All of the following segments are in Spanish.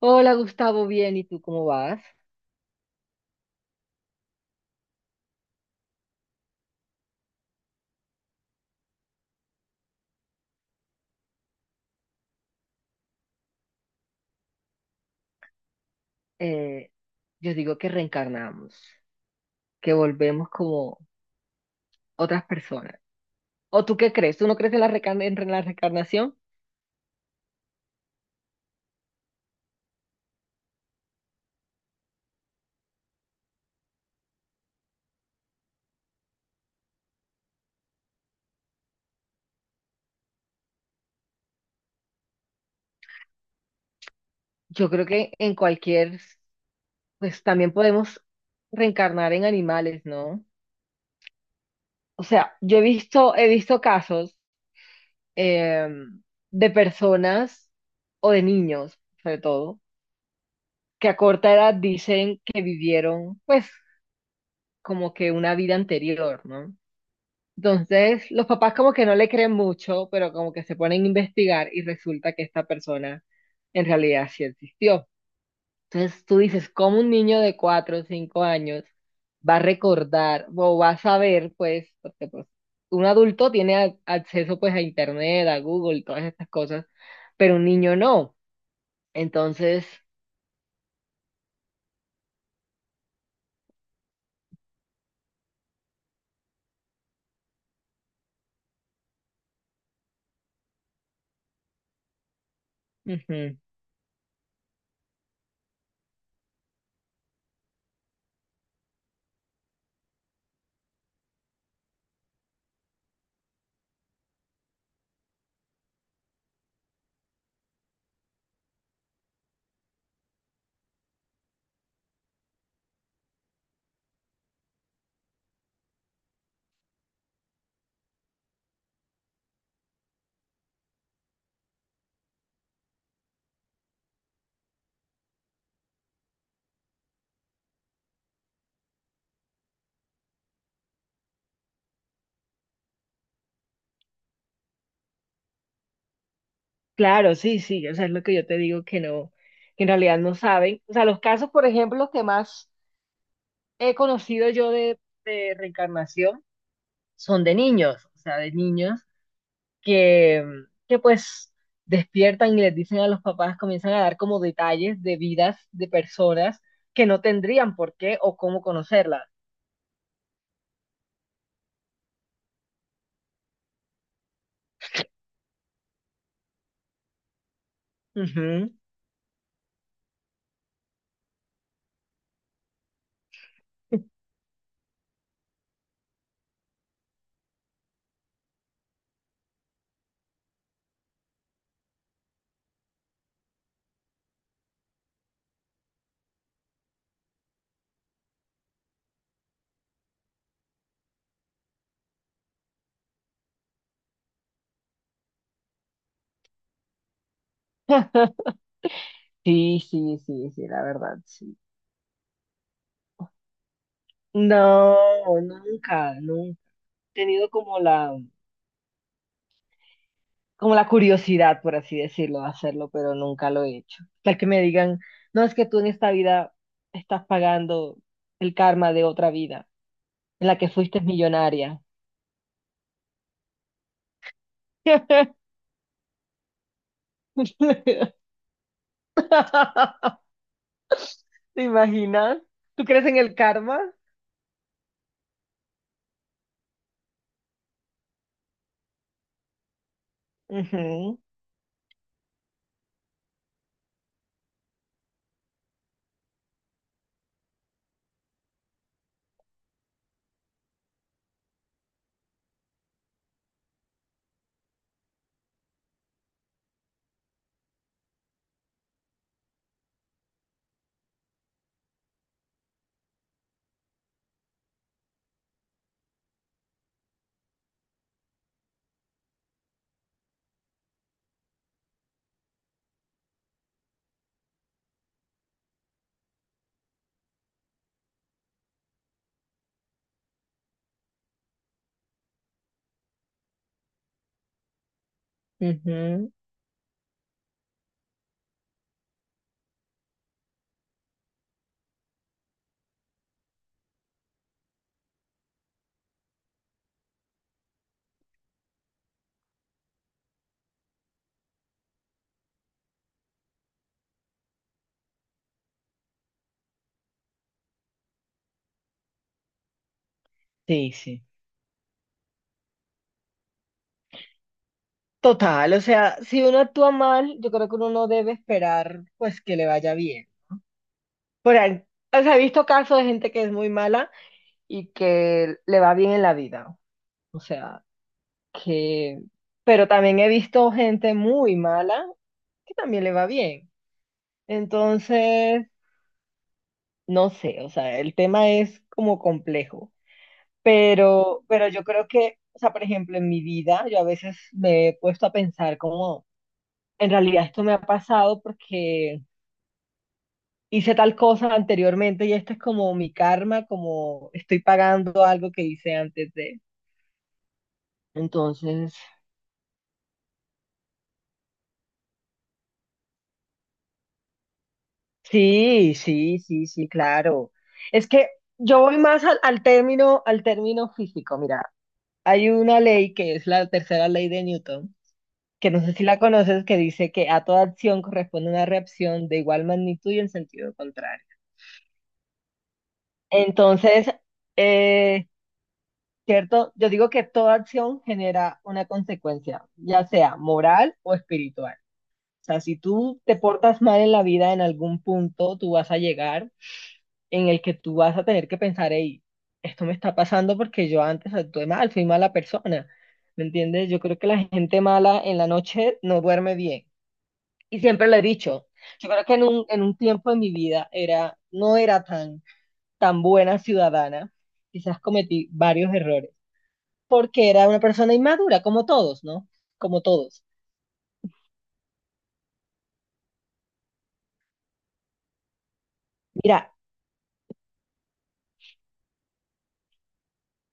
Hola Gustavo, bien, ¿y tú cómo vas? Eh, yo digo que reencarnamos, que volvemos como otras personas. ¿O tú qué crees? ¿Tú no crees en la, en la reencarnación? Yo creo que en cualquier, pues también podemos reencarnar en animales, ¿no? O sea, yo he visto casos em, de personas o de niños, sobre todo, que a corta edad dicen que vivieron, pues, como que una vida anterior, ¿no? Entonces, los papás como que no le creen mucho, pero como que se ponen a investigar y resulta que esta persona en realidad sí existió. Entonces, tú dices, ¿cómo un niño de 4 o 5 años va a recordar o va a saber, pues? Porque pues, un adulto tiene acceso pues a Internet, a Google, todas estas cosas, pero un niño no. Entonces, ujú. Claro, sí, sí, o sea, es lo que yo te digo que no, que en realidad no saben. O sea, los casos, por ejemplo, que más he conocido yo de reencarnación son de niños, o sea, de niños que, que pues despiertan y les dicen a los papás, comienzan a dar como detalles de vidas de personas que no tendrían por qué o cómo conocerlas. Ujú. Sí, sí, sí, sí, la verdad, sí. No, nunca, nunca he tenido como la curiosidad, por así decirlo, de hacerlo, pero nunca lo he hecho. Tal que me digan, no, es que tú en esta vida estás pagando el karma de otra vida, en la que fuiste millonaria. ¿Te imaginas? ¿Tú crees en el karma? Ujú, ujú. Sí, sí. Total, o sea, si uno actúa mal, yo creo que uno no debe esperar, pues, que le vaya bien. Por ahí, o sea, he visto casos de gente que es muy mala y que le va bien en la vida. O sea, que... Pero también he visto gente muy mala que también le va bien. Entonces, no sé, o sea, el tema es como complejo. Pero yo creo que, o sea, por ejemplo, en mi vida, yo a veces me he puesto a pensar como, en realidad esto me ha pasado porque hice tal cosa anteriormente y este es como mi karma, como estoy pagando algo que hice antes de... Entonces... Sí, sí, sí, sí, claro. Es que yo voy más al, al término físico. Mira, hay una ley que es la tercera ley de Newton, que no sé si la conoces, que dice que a toda acción corresponde una reacción de igual magnitud y en sentido contrario. Entonces, eh, cierto, yo digo que toda acción genera una consecuencia, ya sea moral o espiritual. O sea, si tú te portas mal en la vida en algún punto, tú vas a llegar en el que tú vas a tener que pensar, hey, esto me está pasando porque yo antes actué mal, fui mala persona. ¿Me entiendes? Yo creo que la gente mala en la noche no duerme bien. Y siempre lo he dicho. Yo creo que en un tiempo de mi vida era, no era tan, tan buena ciudadana. Quizás cometí varios errores. Porque era una persona inmadura, como todos, ¿no? Como todos. Mira,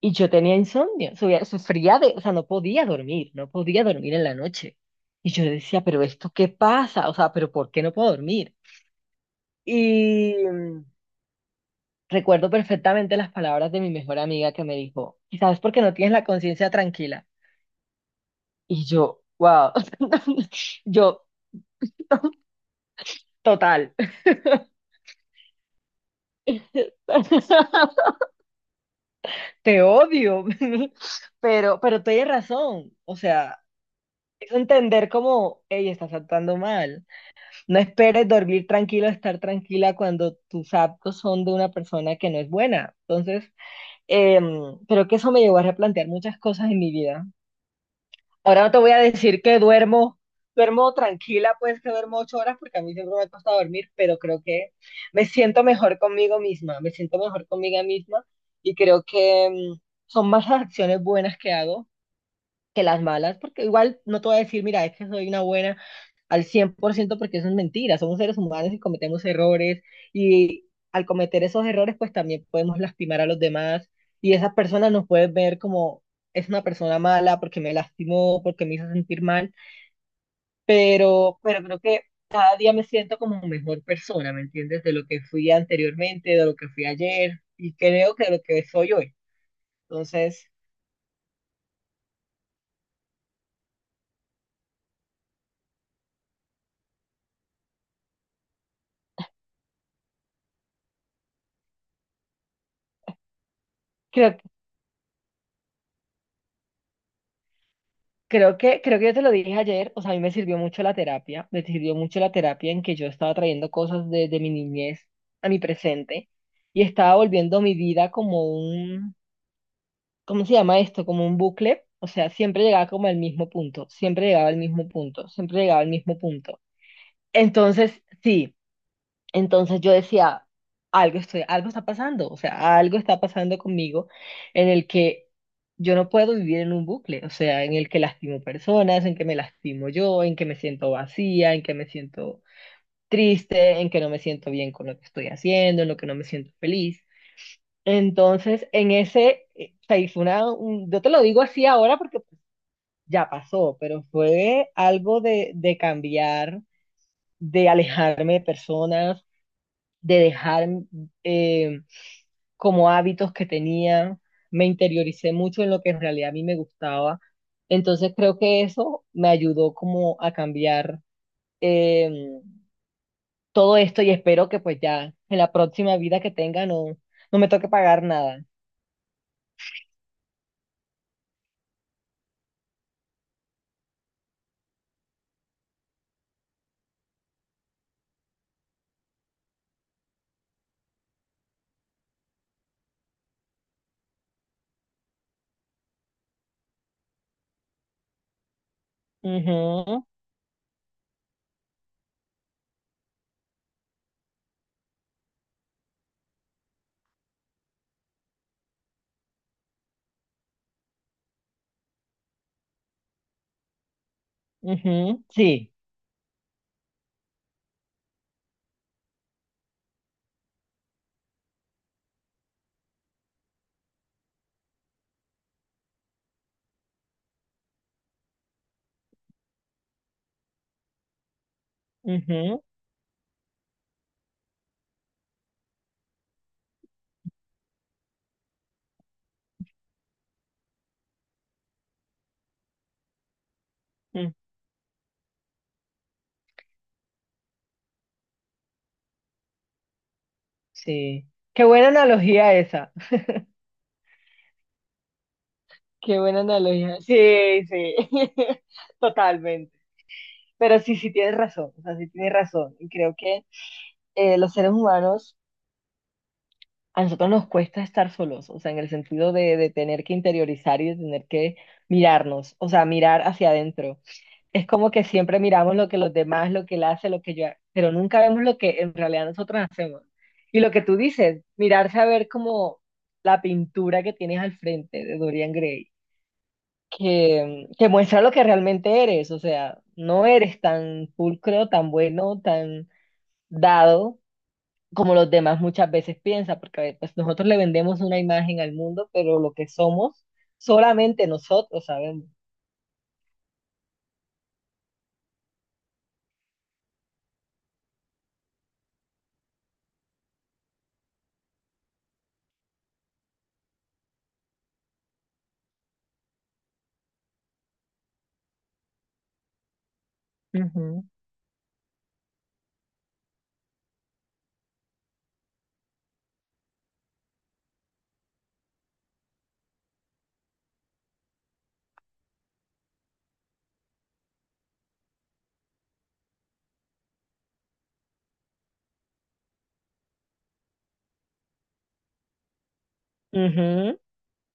y yo tenía insomnio, sufría de, o sea, no podía dormir, no podía dormir en la noche. Y yo decía, pero ¿esto qué pasa? O sea, pero ¿por qué no puedo dormir? Y recuerdo perfectamente las palabras de mi mejor amiga que me dijo, quizás porque no tienes la conciencia tranquila. Y yo, wow, yo, total, te odio, pero tienes razón. O sea, es entender como, ella estás actuando mal. No esperes dormir tranquilo, estar tranquila cuando tus actos son de una persona que no es buena. Entonces, creo que eso me llevó a replantear muchas cosas en mi vida. Ahora no te voy a decir que duermo, duermo tranquila, pues que duermo 8 horas, porque a mí siempre me ha costado dormir, pero creo que me siento mejor conmigo misma, me siento mejor conmigo misma y creo que son más las acciones buenas que hago que las malas, porque igual no te voy a decir, mira, es que soy una buena al 100%, porque eso es mentira, somos seres humanos y cometemos errores y al cometer esos errores pues también podemos lastimar a los demás y esas personas nos pueden ver como, es una persona mala porque me lastimó, porque me hizo sentir mal, pero creo que cada día me siento como mejor persona, ¿me entiendes? De lo que fui anteriormente, de lo que fui ayer y creo que de lo que soy hoy. Entonces, creo creo que, creo que yo te lo dije ayer, o sea, a mí me sirvió mucho la terapia, me sirvió mucho la terapia en que yo estaba trayendo cosas de mi niñez a mi presente y estaba volviendo mi vida como un, ¿cómo se llama esto? Como un bucle, o sea, siempre llegaba como al mismo punto, siempre llegaba al mismo punto, siempre llegaba al mismo punto. Entonces, sí. Entonces yo decía, algo estoy, algo está pasando, o sea, algo está pasando conmigo en el que yo no puedo vivir en un bucle, o sea, en el que lastimo personas, en que me lastimo yo, en que me siento vacía, en que me siento triste, en que no me siento bien con lo que estoy haciendo, en lo que no me siento feliz. Entonces, en ese, o sea, y fue una, yo te lo digo así ahora porque pues, ya pasó, pero fue algo de cambiar, de alejarme de personas, de dejar eh, como hábitos que tenía, me interioricé mucho en lo que en realidad a mí me gustaba. Entonces creo que eso me ayudó como a cambiar eh, todo esto y espero que pues ya en la próxima vida que tenga no, no me toque pagar nada. Ujú, ujú, sí, ujú, mm, sí. Qué buena analogía esa. Qué buena analogía. Sí, sí. Totalmente. Pero sí, sí tienes razón, o sea, sí tienes razón. Y creo que los seres humanos, a nosotros nos cuesta estar solos, o sea, en el sentido de tener que interiorizar y de tener que mirarnos, o sea, mirar hacia adentro. Es como que siempre miramos lo que los demás, lo que él hace, lo que yo, pero nunca vemos lo que en realidad nosotros hacemos. Y lo que tú dices, mirarse a ver como la pintura que tienes al frente de Dorian Gray, que muestra lo que realmente eres, o sea, no eres tan pulcro, tan bueno, tan dado como los demás muchas veces piensan, porque a ver, pues nosotros le vendemos una imagen al mundo, pero lo que somos, solamente nosotros sabemos. Ujú. Ujú,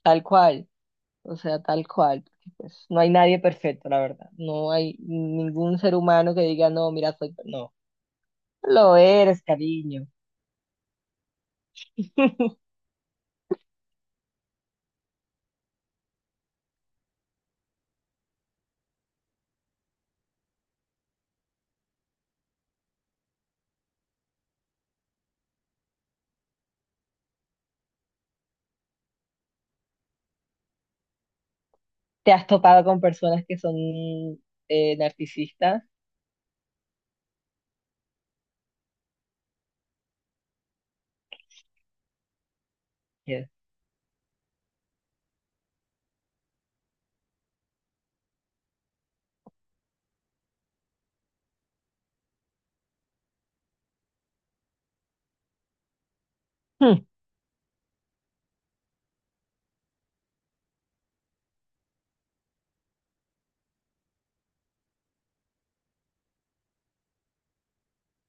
tal cual, o sea, tal cual, porque, pues no hay nadie perfecto, la verdad. No hay ningún ser humano que diga, no, mira, soy... No, lo eres, cariño. ¿Te has topado con personas que son narcisistas? Yes. Hmm,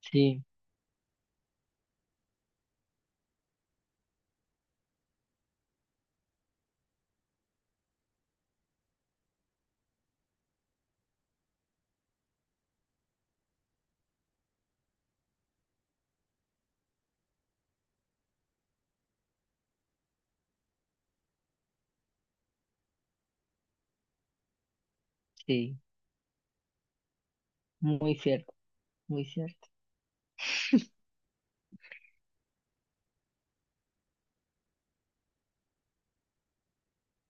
sí, sí, muy cierto, muy cierto.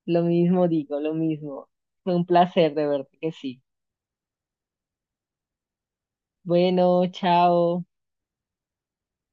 Lo mismo digo, lo mismo. Fue un placer de verte que sí. Bueno, chao.